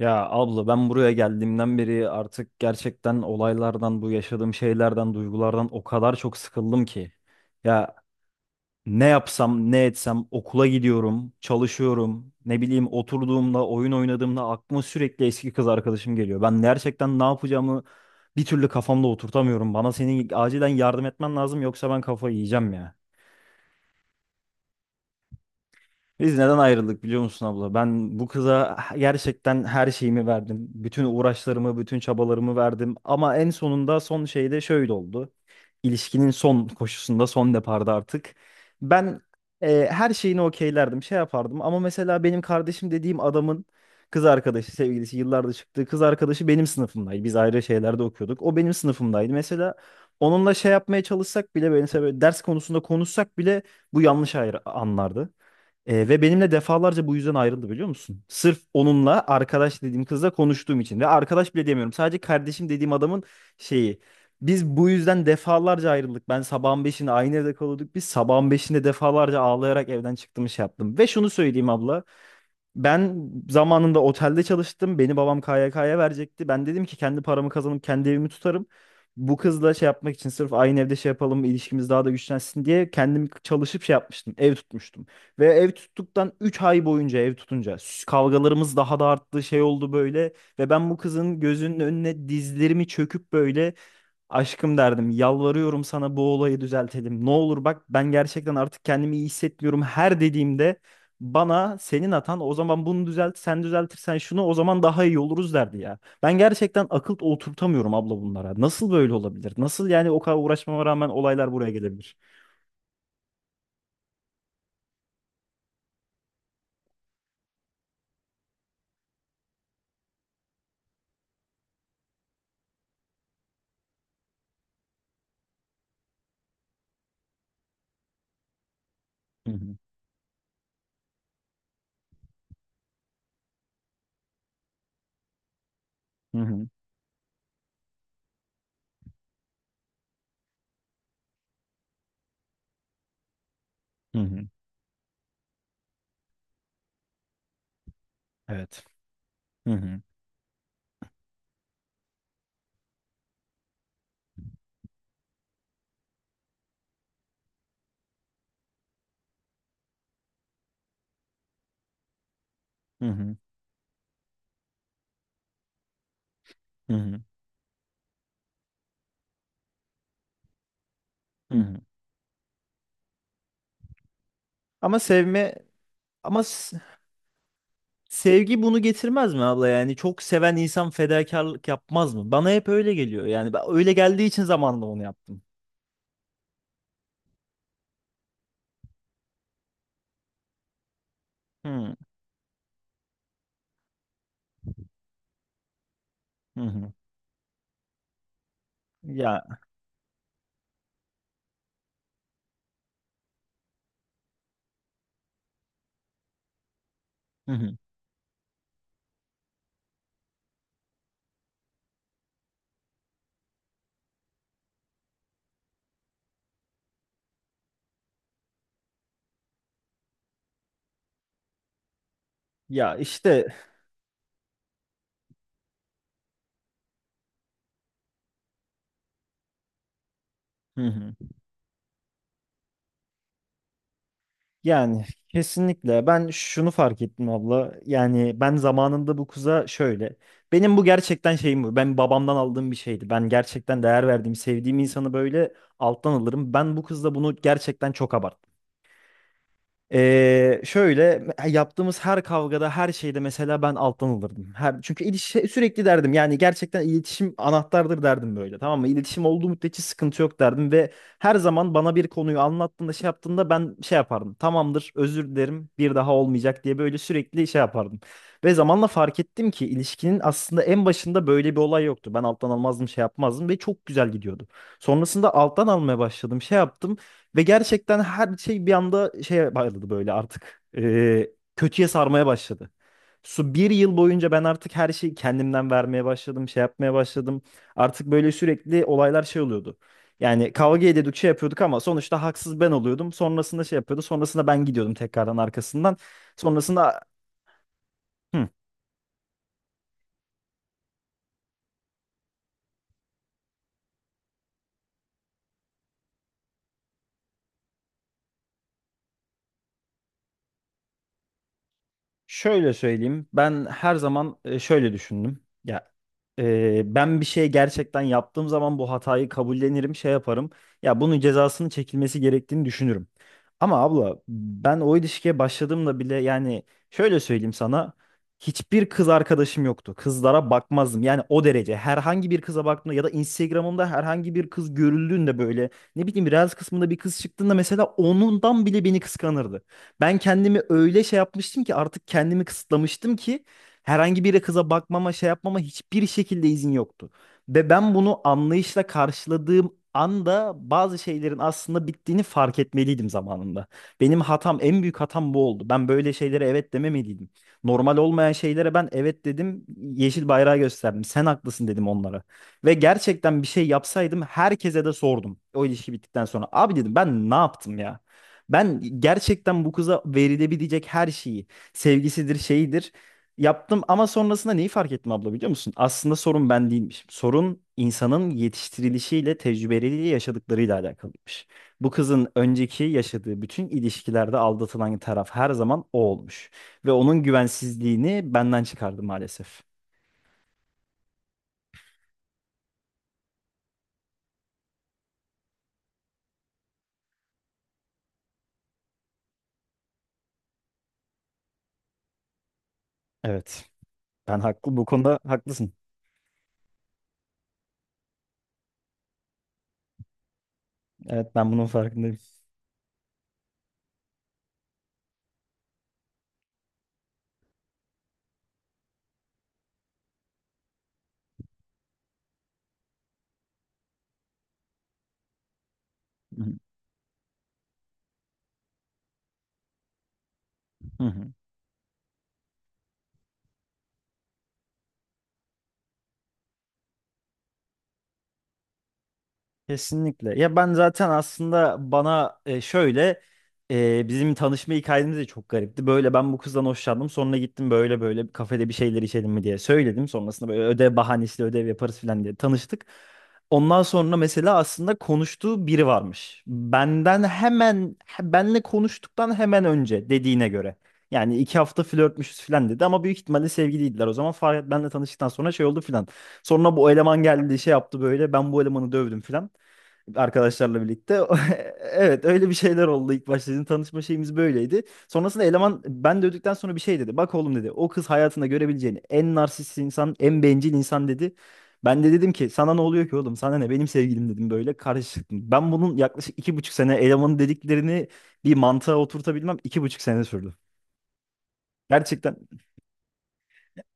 Ya abla ben buraya geldiğimden beri artık gerçekten olaylardan, bu yaşadığım şeylerden, duygulardan o kadar çok sıkıldım ki. Ya ne yapsam, ne etsem okula gidiyorum, çalışıyorum. Ne bileyim oturduğumda, oyun oynadığımda aklıma sürekli eski kız arkadaşım geliyor. Ben gerçekten ne yapacağımı bir türlü kafamda oturtamıyorum. Bana senin acilen yardım etmen lazım yoksa ben kafayı yiyeceğim ya. Biz neden ayrıldık biliyor musun abla? Ben bu kıza gerçekten her şeyimi verdim. Bütün uğraşlarımı, bütün çabalarımı verdim. Ama en sonunda son şeyde şöyle oldu. İlişkinin son koşusunda, son deparda artık. Ben her şeyini okeylerdim, şey yapardım. Ama mesela benim kardeşim dediğim adamın kız arkadaşı, sevgilisi, yıllardır çıktığı kız arkadaşı benim sınıfımdaydı. Biz ayrı şeylerde okuyorduk. O benim sınıfımdaydı. Mesela onunla şey yapmaya çalışsak bile, böyle, mesela böyle ders konusunda konuşsak bile bu yanlış ayrı anlardı. Ve benimle defalarca bu yüzden ayrıldı biliyor musun? Sırf onunla arkadaş dediğim kızla konuştuğum için. Ve arkadaş bile demiyorum. Sadece kardeşim dediğim adamın şeyi. Biz bu yüzden defalarca ayrıldık. Ben sabahın beşinde aynı evde kalıyorduk. Biz sabahın beşinde defalarca ağlayarak evden çıktım şey yaptım. Ve şunu söyleyeyim abla. Ben zamanında otelde çalıştım. Beni babam KYK'ya verecekti. Ben dedim ki kendi paramı kazanıp kendi evimi tutarım. Bu kızla şey yapmak için sırf aynı evde şey yapalım, ilişkimiz daha da güçlensin diye kendim çalışıp şey yapmıştım. Ev tutmuştum. Ve ev tuttuktan 3 ay boyunca ev tutunca kavgalarımız daha da arttı, şey oldu böyle. Ve ben bu kızın gözünün önüne dizlerimi çöküp böyle aşkım derdim, yalvarıyorum sana bu olayı düzeltelim. Ne olur bak ben gerçekten artık kendimi iyi hissetmiyorum. Her dediğimde bana senin hatan o zaman bunu düzelt, sen düzeltirsen şunu o zaman daha iyi oluruz derdi ya. Ben gerçekten akıl oturtamıyorum abla bunlara. Nasıl böyle olabilir? Nasıl yani o kadar uğraşmama rağmen olaylar buraya gelebilir? Hı hı, hı hı, hı hı. Evet. Hı hı, hı hı, hı hı, hı hı. Ama sevme ama sevgi bunu getirmez mi abla yani çok seven insan fedakarlık yapmaz mı? Bana hep öyle geliyor yani ben öyle geldiği için zamanında onu yaptım. Hı hı. Ya, hı hı. Ya işte, hı hı. Yani kesinlikle ben şunu fark ettim abla. Yani ben zamanında bu kuza şöyle. Benim bu gerçekten şeyim bu. Ben babamdan aldığım bir şeydi. Ben gerçekten değer verdiğim, sevdiğim insanı böyle alttan alırım. Ben bu kızla bunu gerçekten çok abarttım. Şöyle yaptığımız her kavgada her şeyde mesela ben alttan alırdım. Her, çünkü ilişki, sürekli derdim yani gerçekten iletişim anahtardır derdim böyle, tamam mı? İletişim olduğu müddetçe sıkıntı yok derdim ve her zaman bana bir konuyu anlattığında şey yaptığında ben şey yapardım. Tamamdır, özür dilerim, bir daha olmayacak diye böyle sürekli şey yapardım. Ve zamanla fark ettim ki ilişkinin aslında en başında böyle bir olay yoktu. Ben alttan almazdım şey yapmazdım ve çok güzel gidiyordu. Sonrasında alttan almaya başladım şey yaptım. Ve gerçekten her şey bir anda şeye bağladı böyle artık. Kötüye sarmaya başladı. Su bir yıl boyunca ben artık her şeyi kendimden vermeye başladım, şey yapmaya başladım. Artık böyle sürekli olaylar şey oluyordu. Yani kavga ediyorduk, şey yapıyorduk ama sonuçta haksız ben oluyordum. Sonrasında şey yapıyordu, sonrasında ben gidiyordum tekrardan arkasından. Sonrasında hı. Şöyle söyleyeyim. Ben her zaman şöyle düşündüm. Ya, ben bir şey gerçekten yaptığım zaman bu hatayı kabullenirim, şey yaparım. Ya bunun cezasının çekilmesi gerektiğini düşünürüm. Ama abla ben o ilişkiye başladığımda bile yani şöyle söyleyeyim sana. Hiçbir kız arkadaşım yoktu. Kızlara bakmazdım. Yani o derece. Herhangi bir kıza baktığımda ya da Instagram'ımda herhangi bir kız görüldüğünde böyle ne bileyim Reels kısmında bir kız çıktığında mesela onundan bile beni kıskanırdı. Ben kendimi öyle şey yapmıştım ki artık kendimi kısıtlamıştım ki herhangi bir kıza bakmama, şey yapmama hiçbir şekilde izin yoktu. Ve ben bunu anlayışla karşıladığım anda bazı şeylerin aslında bittiğini fark etmeliydim zamanında. Benim hatam, en büyük hatam bu oldu. Ben böyle şeylere evet dememeliydim. Normal olmayan şeylere ben evet dedim, yeşil bayrağı gösterdim. Sen haklısın dedim onlara. Ve gerçekten bir şey yapsaydım herkese de sordum. O ilişki bittikten sonra. Abi dedim ben ne yaptım ya? Ben gerçekten bu kıza verilebilecek her şeyi, sevgisidir, şeyidir yaptım ama sonrasında neyi fark ettim abla biliyor musun? Aslında sorun ben değilmiş. Sorun insanın yetiştirilişiyle, tecrübeleriyle, yaşadıklarıyla alakalıymış. Bu kızın önceki yaşadığı bütün ilişkilerde aldatılan taraf her zaman o olmuş. Ve onun güvensizliğini benden çıkardı maalesef. Evet. Ben haklı, bu konuda haklısın. Evet, ben bunun farkındayım. Kesinlikle. Ya ben zaten aslında bana şöyle bizim tanışma hikayemiz de çok garipti. Böyle ben bu kızdan hoşlandım. Sonra gittim böyle böyle bir kafede bir şeyler içelim mi diye söyledim. Sonrasında böyle ödev bahanesiyle ödev yaparız falan diye tanıştık. Ondan sonra mesela aslında konuştuğu biri varmış. Benden hemen benle konuştuktan hemen önce dediğine göre. Yani 2 hafta flörtmüşüz falan dedi ama büyük ihtimalle sevgiliydiler. O zaman Farhat benle tanıştıktan sonra şey oldu falan. Sonra bu eleman geldi şey yaptı böyle ben bu elemanı dövdüm falan arkadaşlarla birlikte. Evet öyle bir şeyler oldu ilk başta. Bizim tanışma şeyimiz böyleydi. Sonrasında eleman ben de öldükten sonra bir şey dedi. Bak oğlum dedi, o kız hayatında görebileceğin en narsist insan, en bencil insan dedi. Ben de dedim ki sana ne oluyor ki oğlum, sana ne, benim sevgilim dedim böyle karıştırdım. Ben bunun yaklaşık 2,5 sene elemanın dediklerini bir mantığa oturtabilmem 2,5 sene sürdü. Gerçekten.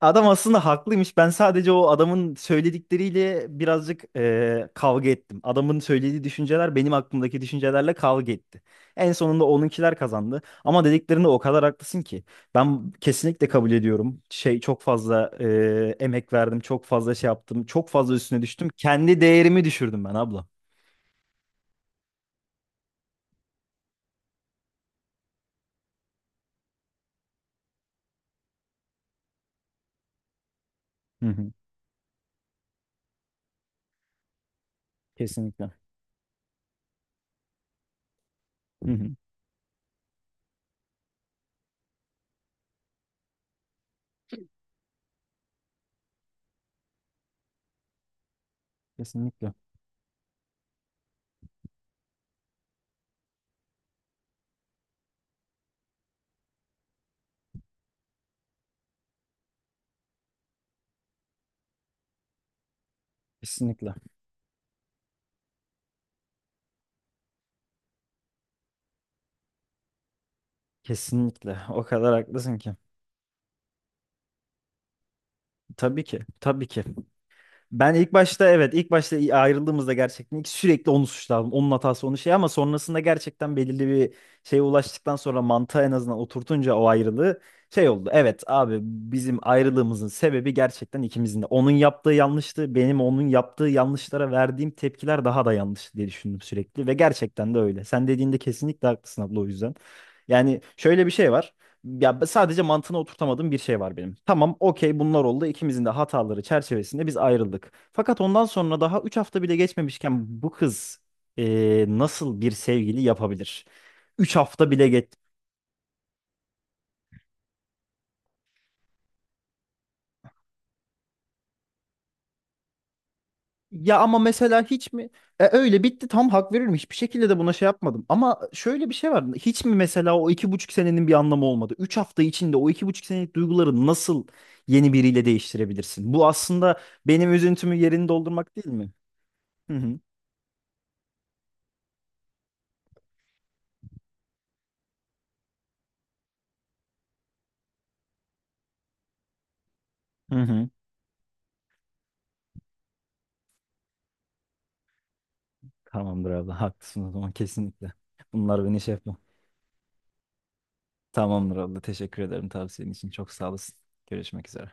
Adam aslında haklıymış. Ben sadece o adamın söyledikleriyle birazcık kavga ettim. Adamın söylediği düşünceler benim aklımdaki düşüncelerle kavga etti. En sonunda onunkiler kazandı. Ama dediklerinde o kadar haklısın ki. Ben kesinlikle kabul ediyorum. Şey çok fazla emek verdim, çok fazla şey yaptım, çok fazla üstüne düştüm. Kendi değerimi düşürdüm ben abla. Hı hı. Kesinlikle. Hı hı. Kesinlikle. Kesinlikle. Kesinlikle. O kadar haklısın ki. Tabii ki. Tabii ki. Ben ilk başta, evet, ilk başta ayrıldığımızda gerçekten ilk sürekli onu suçladım. Onun hatası, onun şey ama sonrasında gerçekten belirli bir şeye ulaştıktan sonra mantığa en azından oturtunca o ayrılığı şey oldu. Evet abi, bizim ayrılığımızın sebebi gerçekten ikimizin de. Onun yaptığı yanlıştı. Benim onun yaptığı yanlışlara verdiğim tepkiler daha da yanlış diye düşündüm sürekli ve gerçekten de öyle. Sen dediğinde kesinlikle haklısın abla o yüzden. Yani şöyle bir şey var. Ya sadece mantığına oturtamadığım bir şey var benim. Tamam, okey, bunlar oldu. İkimizin de hataları çerçevesinde biz ayrıldık. Fakat ondan sonra daha 3 hafta bile geçmemişken bu kız nasıl bir sevgili yapabilir? 3 hafta bile geç. Ya ama mesela hiç mi? Öyle bitti, tam hak veririm. Hiçbir şekilde de buna şey yapmadım. Ama şöyle bir şey var. Hiç mi mesela o 2,5 senenin bir anlamı olmadı? 3 hafta içinde o 2,5 senelik duyguları nasıl yeni biriyle değiştirebilirsin? Bu aslında benim üzüntümü yerini doldurmak değil mi? Hı hı. Hı hı. Tamamdır abla. Haklısın o zaman kesinlikle. Bunlar beni şey yapma. Tamamdır abla. Teşekkür ederim tavsiyen için. Çok sağ olasın. Görüşmek üzere.